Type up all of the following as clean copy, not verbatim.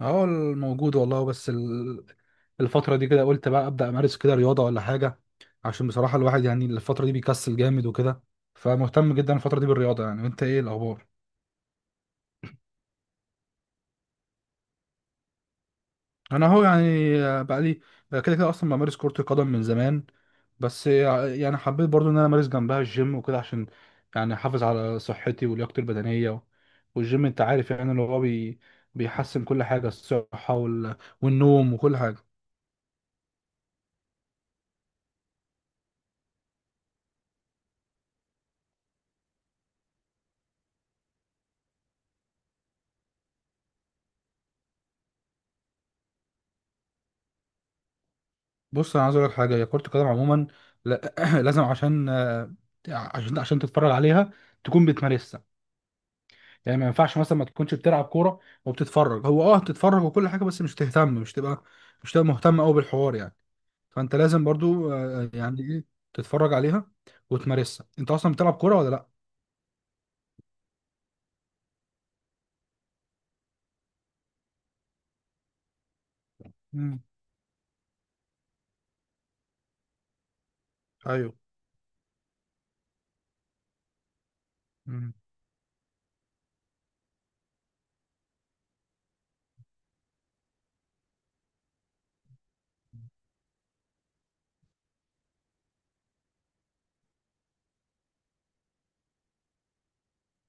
اه، موجود والله بس الفترة دي كده قلت بقى أبدأ أمارس كده رياضة ولا حاجة، عشان بصراحة الواحد يعني الفترة دي بيكسل جامد وكده، فمهتم جدا الفترة دي بالرياضة. يعني وأنت إيه الأخبار؟ أنا أهو يعني بقى لي، بقى كده كده أصلا بمارس كرة القدم من زمان، بس يعني حبيت برضو إن أنا أمارس جنبها الجيم وكده عشان يعني أحافظ على صحتي ولياقتي البدنية. والجيم أنت عارف يعني اللي هو بيحسن كل حاجة، الصحة والنوم وكل حاجة. بص انا عايز اقول لك حاجه، هي كره القدم عموما، لا، لازم عشان عشان تتفرج عليها تكون بتمارسها. يعني ما ينفعش مثلا ما تكونش بتلعب كوره وبتتفرج، هو بتتفرج وكل حاجه بس مش تهتم، مش تبقى مهتم قوي بالحوار يعني. فانت لازم برضو يعني ايه تتفرج عليها وتمارسها. انت اصلا بتلعب كوره ولا لا؟ مم. ايوه. مم.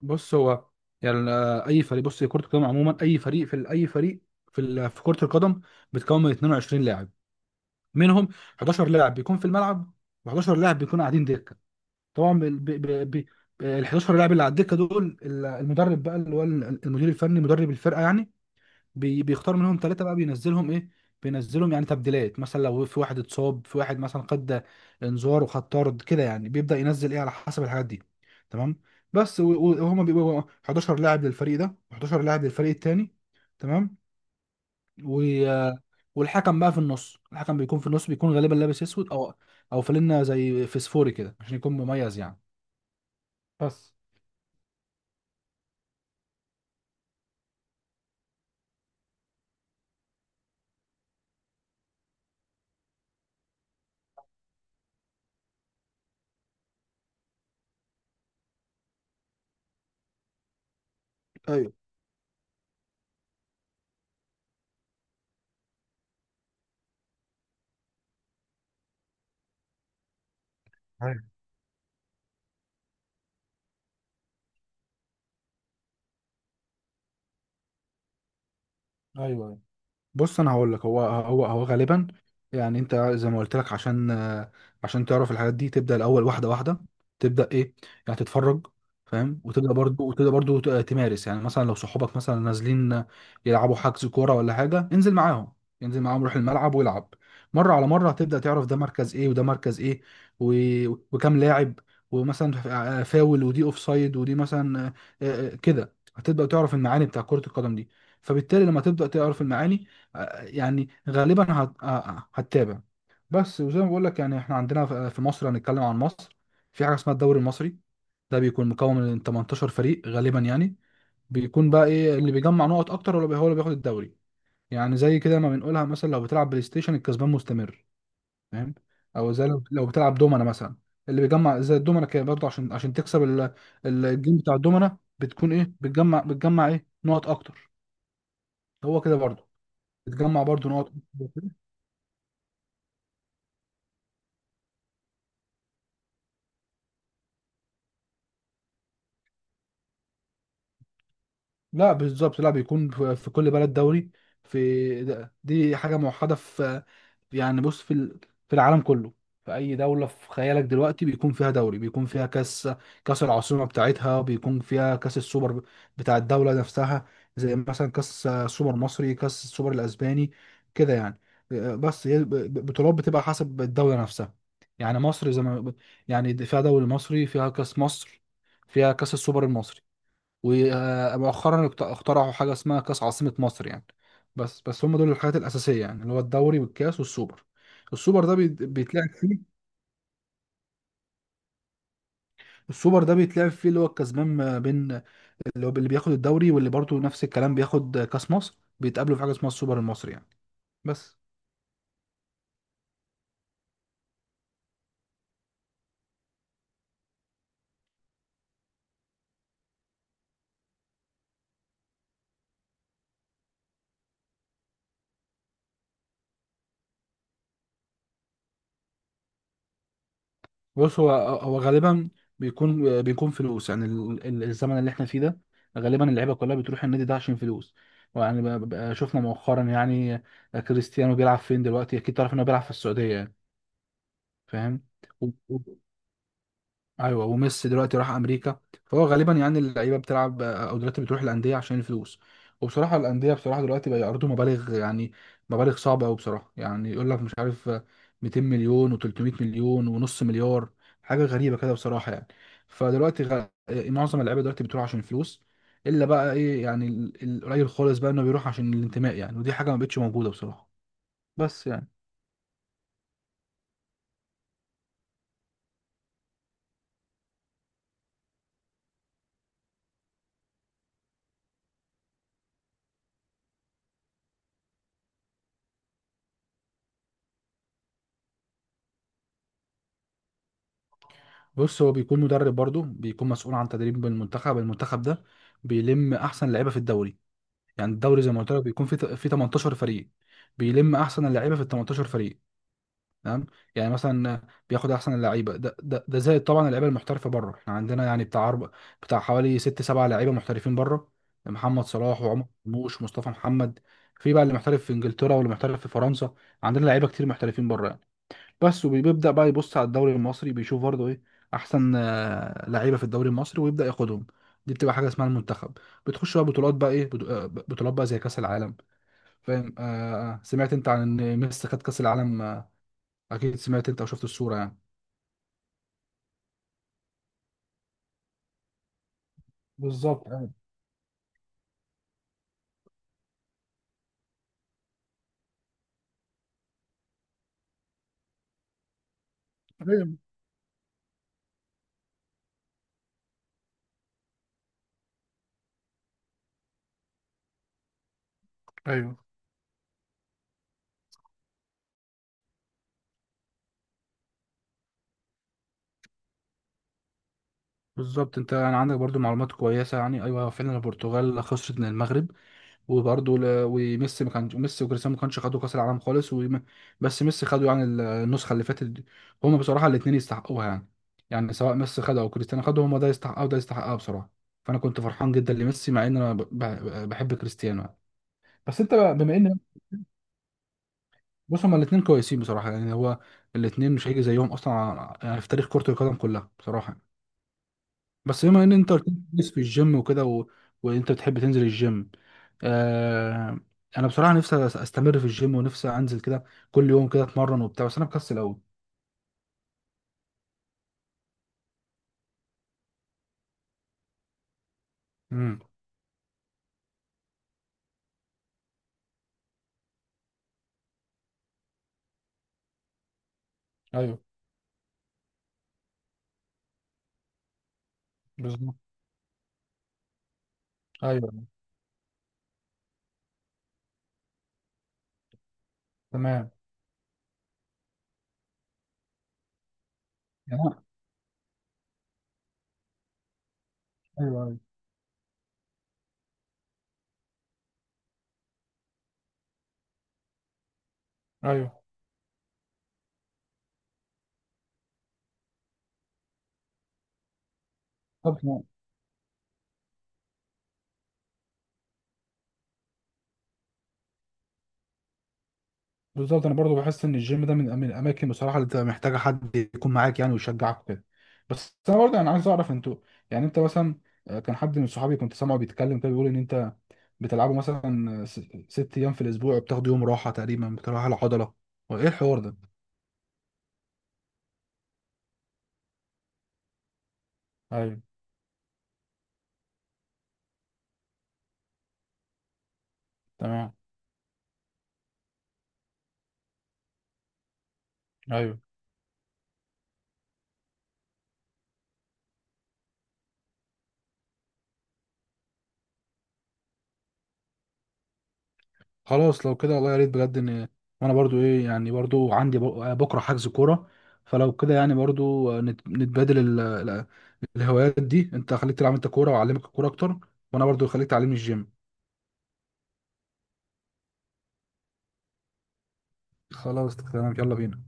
بص، هو يعني اي فريق، بص هي كره القدم عموما، اي فريق اي فريق في كره القدم بتكون من 22 لاعب، منهم 11 لاعب بيكون في الملعب و11 لاعب بيكونوا قاعدين دكه. طبعا ال 11 لاعب اللي على الدكه دول المدرب بقى اللي هو المدير الفني، مدرب الفرقه يعني، بيختار منهم ثلاثه بقى بينزلهم ايه، بينزلهم يعني تبديلات. مثلا لو في واحد اتصاب، في واحد مثلا خد انذار وخد طرد كده، يعني بيبدا ينزل ايه على حسب الحاجات دي. تمام. بس وهما بيبقوا 11 لاعب للفريق ده و11 لاعب للفريق التاني. تمام. و... والحكم بقى في النص، الحكم بيكون في النص، بيكون غالبا لابس اسود او او فانلة زي فسفوري كده عشان يكون مميز يعني. بس. ايوه. أيوة. ايوه. بص انا هقول لك، هو غالبا يعني، انت زي ما قلت لك عشان عشان تعرف الحاجات دي تبدا الاول واحده واحده، تبدا ايه يعني، تتفرج فاهم، وتبدا برضو وتبدا برضو تمارس. يعني مثلا لو صحابك مثلا نازلين يلعبوا حجز كوره ولا حاجه، انزل معاهم، انزل معاهم، روح الملعب والعب. مره على مره هتبدا تعرف ده مركز ايه وده مركز ايه و... وكام لاعب، ومثلا فاول، ودي اوف سايد، ودي مثلا كده هتبدا تعرف المعاني بتاع كره القدم دي. فبالتالي لما تبدا تعرف المعاني يعني غالبا هتتابع. بس، وزي ما بقول لك يعني احنا عندنا في مصر، هنتكلم عن مصر، في حاجه اسمها الدوري المصري، ده بيكون مكون من 18 فريق غالبا يعني. بيكون بقى ايه اللي بيجمع نقط اكتر، ولا هو اللي بياخد الدوري، يعني زي كده ما بنقولها. مثلا لو بتلعب بلاي ستيشن الكسبان مستمر فاهم، او زي لو لو بتلعب دومنا مثلا، اللي بيجمع زي الدومنا كده برضه، عشان عشان تكسب الجيم بتاع الدومنا بتكون ايه، بتجمع بتجمع ايه نقط اكتر، هو كده برضه بتجمع برضه نقط. لا بالظبط، لا، بيكون في كل بلد دوري، في دي حاجة موحدة. في يعني بص في العالم كله، في أي دولة في خيالك دلوقتي بيكون فيها دوري، بيكون فيها كأس، كأس العاصمة بتاعتها، بيكون فيها كأس السوبر بتاع الدولة نفسها، زي مثلا كأس سوبر مصري، كأس السوبر الأسباني كده يعني. بس هي بطولات بتبقى حسب الدولة نفسها. يعني مصر زي ما يعني فيها دوري مصري، فيها كأس مصر، فيها كأس السوبر المصري، ومؤخرا اخترعوا حاجه اسمها كاس عاصمه مصر يعني. بس بس هم دول الحاجات الاساسيه يعني، اللي هو الدوري والكاس والسوبر. السوبر ده بيتلعب فيه، السوبر ده بيتلعب فيه اللي هو الكسبان ما بين اللي هو اللي بياخد الدوري واللي برضه نفس الكلام بياخد كاس مصر، بيتقابلوا في حاجه اسمها السوبر المصري يعني. بس. بص، هو غالبا بيكون، بيكون فلوس يعني، الزمن اللي احنا فيه ده غالبا اللعيبه كلها بتروح النادي ده عشان فلوس. ويعني شفنا مؤخرا يعني كريستيانو بيلعب فين دلوقتي، اكيد تعرف انه بيلعب في السعوديه يعني. فاهم. و... و... ايوه وميسي دلوقتي راح امريكا، فهو غالبا يعني اللعيبه بتلعب او دلوقتي بتروح الانديه عشان الفلوس. وبصراحه الانديه بصراحه دلوقتي بقى يعرضوا مبالغ يعني، مبالغ صعبه قوي بصراحه، يعني يقول لك مش عارف، 200 مليون و300 مليون ونص مليار، حاجه غريبه كده بصراحه يعني. فدلوقتي غ... إيه، معظم اللعيبه دلوقتي بتروح عشان الفلوس، الا بقى ايه يعني، القليل خالص بقى انه بيروح عشان الانتماء، يعني ودي حاجه ما بقتش موجوده بصراحه. بس يعني. بص، هو بيكون مدرب برضه بيكون مسؤول عن تدريب المنتخب، المنتخب ده بيلم احسن لعيبه في الدوري. يعني الدوري زي ما قلت لك بيكون في 18 فريق، بيلم احسن اللعيبه في ال 18 فريق. تمام. يعني مثلا بياخد احسن اللعيبه، ده زائد طبعا اللعيبه المحترفه بره، احنا عندنا يعني بتاع أربع، بتاع حوالي ست سبع لعيبه محترفين بره، محمد صلاح وعمر مرموش ومصطفى محمد، في بقى اللي محترف في انجلترا واللي محترف في فرنسا. عندنا لعيبه كتير محترفين بره. بس وبيبدأ بقى يبص على الدوري المصري، بيشوف برضه ايه احسن لعيبه في الدوري المصري ويبدأ ياخدهم. دي بتبقى حاجه اسمها المنتخب. بتخش بقى بطولات بقى ايه، بطولات بقى زي كأس العالم فاهم. آه. سمعت انت عن ان ميسي خد كأس العالم، اكيد سمعت انت او شفت الصوره يعني. بالظبط. ايوه، ايوه. أيوة. بالظبط، انت يعني عندك برضو معلومات كويسه يعني. ايوه فعلا البرتغال خسرت من المغرب. وبرضه وميسي ما كانش، ميسي وكريستيانو ما كانش خدوا كاس العالم خالص بس ميسي خدوا يعني النسخه اللي فاتت دي. هما بصراحه الاثنين يستحقوها يعني. يعني سواء ميسي خدها او كريستيانو خدها، هما ده يستحقها وده يستحقها بصراحه. فانا كنت فرحان جدا لميسي مع ان انا بحب كريستيانو يعني. بس انت بقى بما ان، بص هما الاثنين كويسين بصراحه يعني، هو الاثنين مش هيجي زيهم اصلا يعني في تاريخ كره القدم كلها بصراحه يعني. بس بما ان انت قلت لي كويس في الجيم وكده وانت بتحب تنزل الجيم آه... انا بصراحه نفسي استمر في الجيم، ونفسي انزل كده كل يوم كده اتمرن وبتاع، بس انا مكسل قوي. امم. ايوه. بالظبط. ايوه. تمام. يعني أنا- ايوه، ايوه. ايوه. طب. بالظبط، انا برضو بحس ان الجيم ده من الاماكن بصراحه اللي بتبقى محتاجه حد يكون معاك يعني ويشجعك كده. بس انا برضو انا عايز اعرف انتوا يعني، انت مثلا كان حد من صحابي كنت سامعه بيتكلم كده بيقول ان انت بتلعبوا مثلا، 6 ايام في الاسبوع وبتاخدوا يوم راحه تقريبا بتروح على العضله، وايه الحوار ده؟ ايوه. تمام. ايوه. خلاص لو كده والله يا ريت بجد ان، وانا برضو ايه يعني برضو عندي بكره حجز كوره، فلو كده يعني برضو نتبادل الهوايات دي، انت خليك تلعب انت كوره واعلمك الكوره اكتر، وانا برضو خليك تعلمني الجيم. خلاص تمام يلا بينا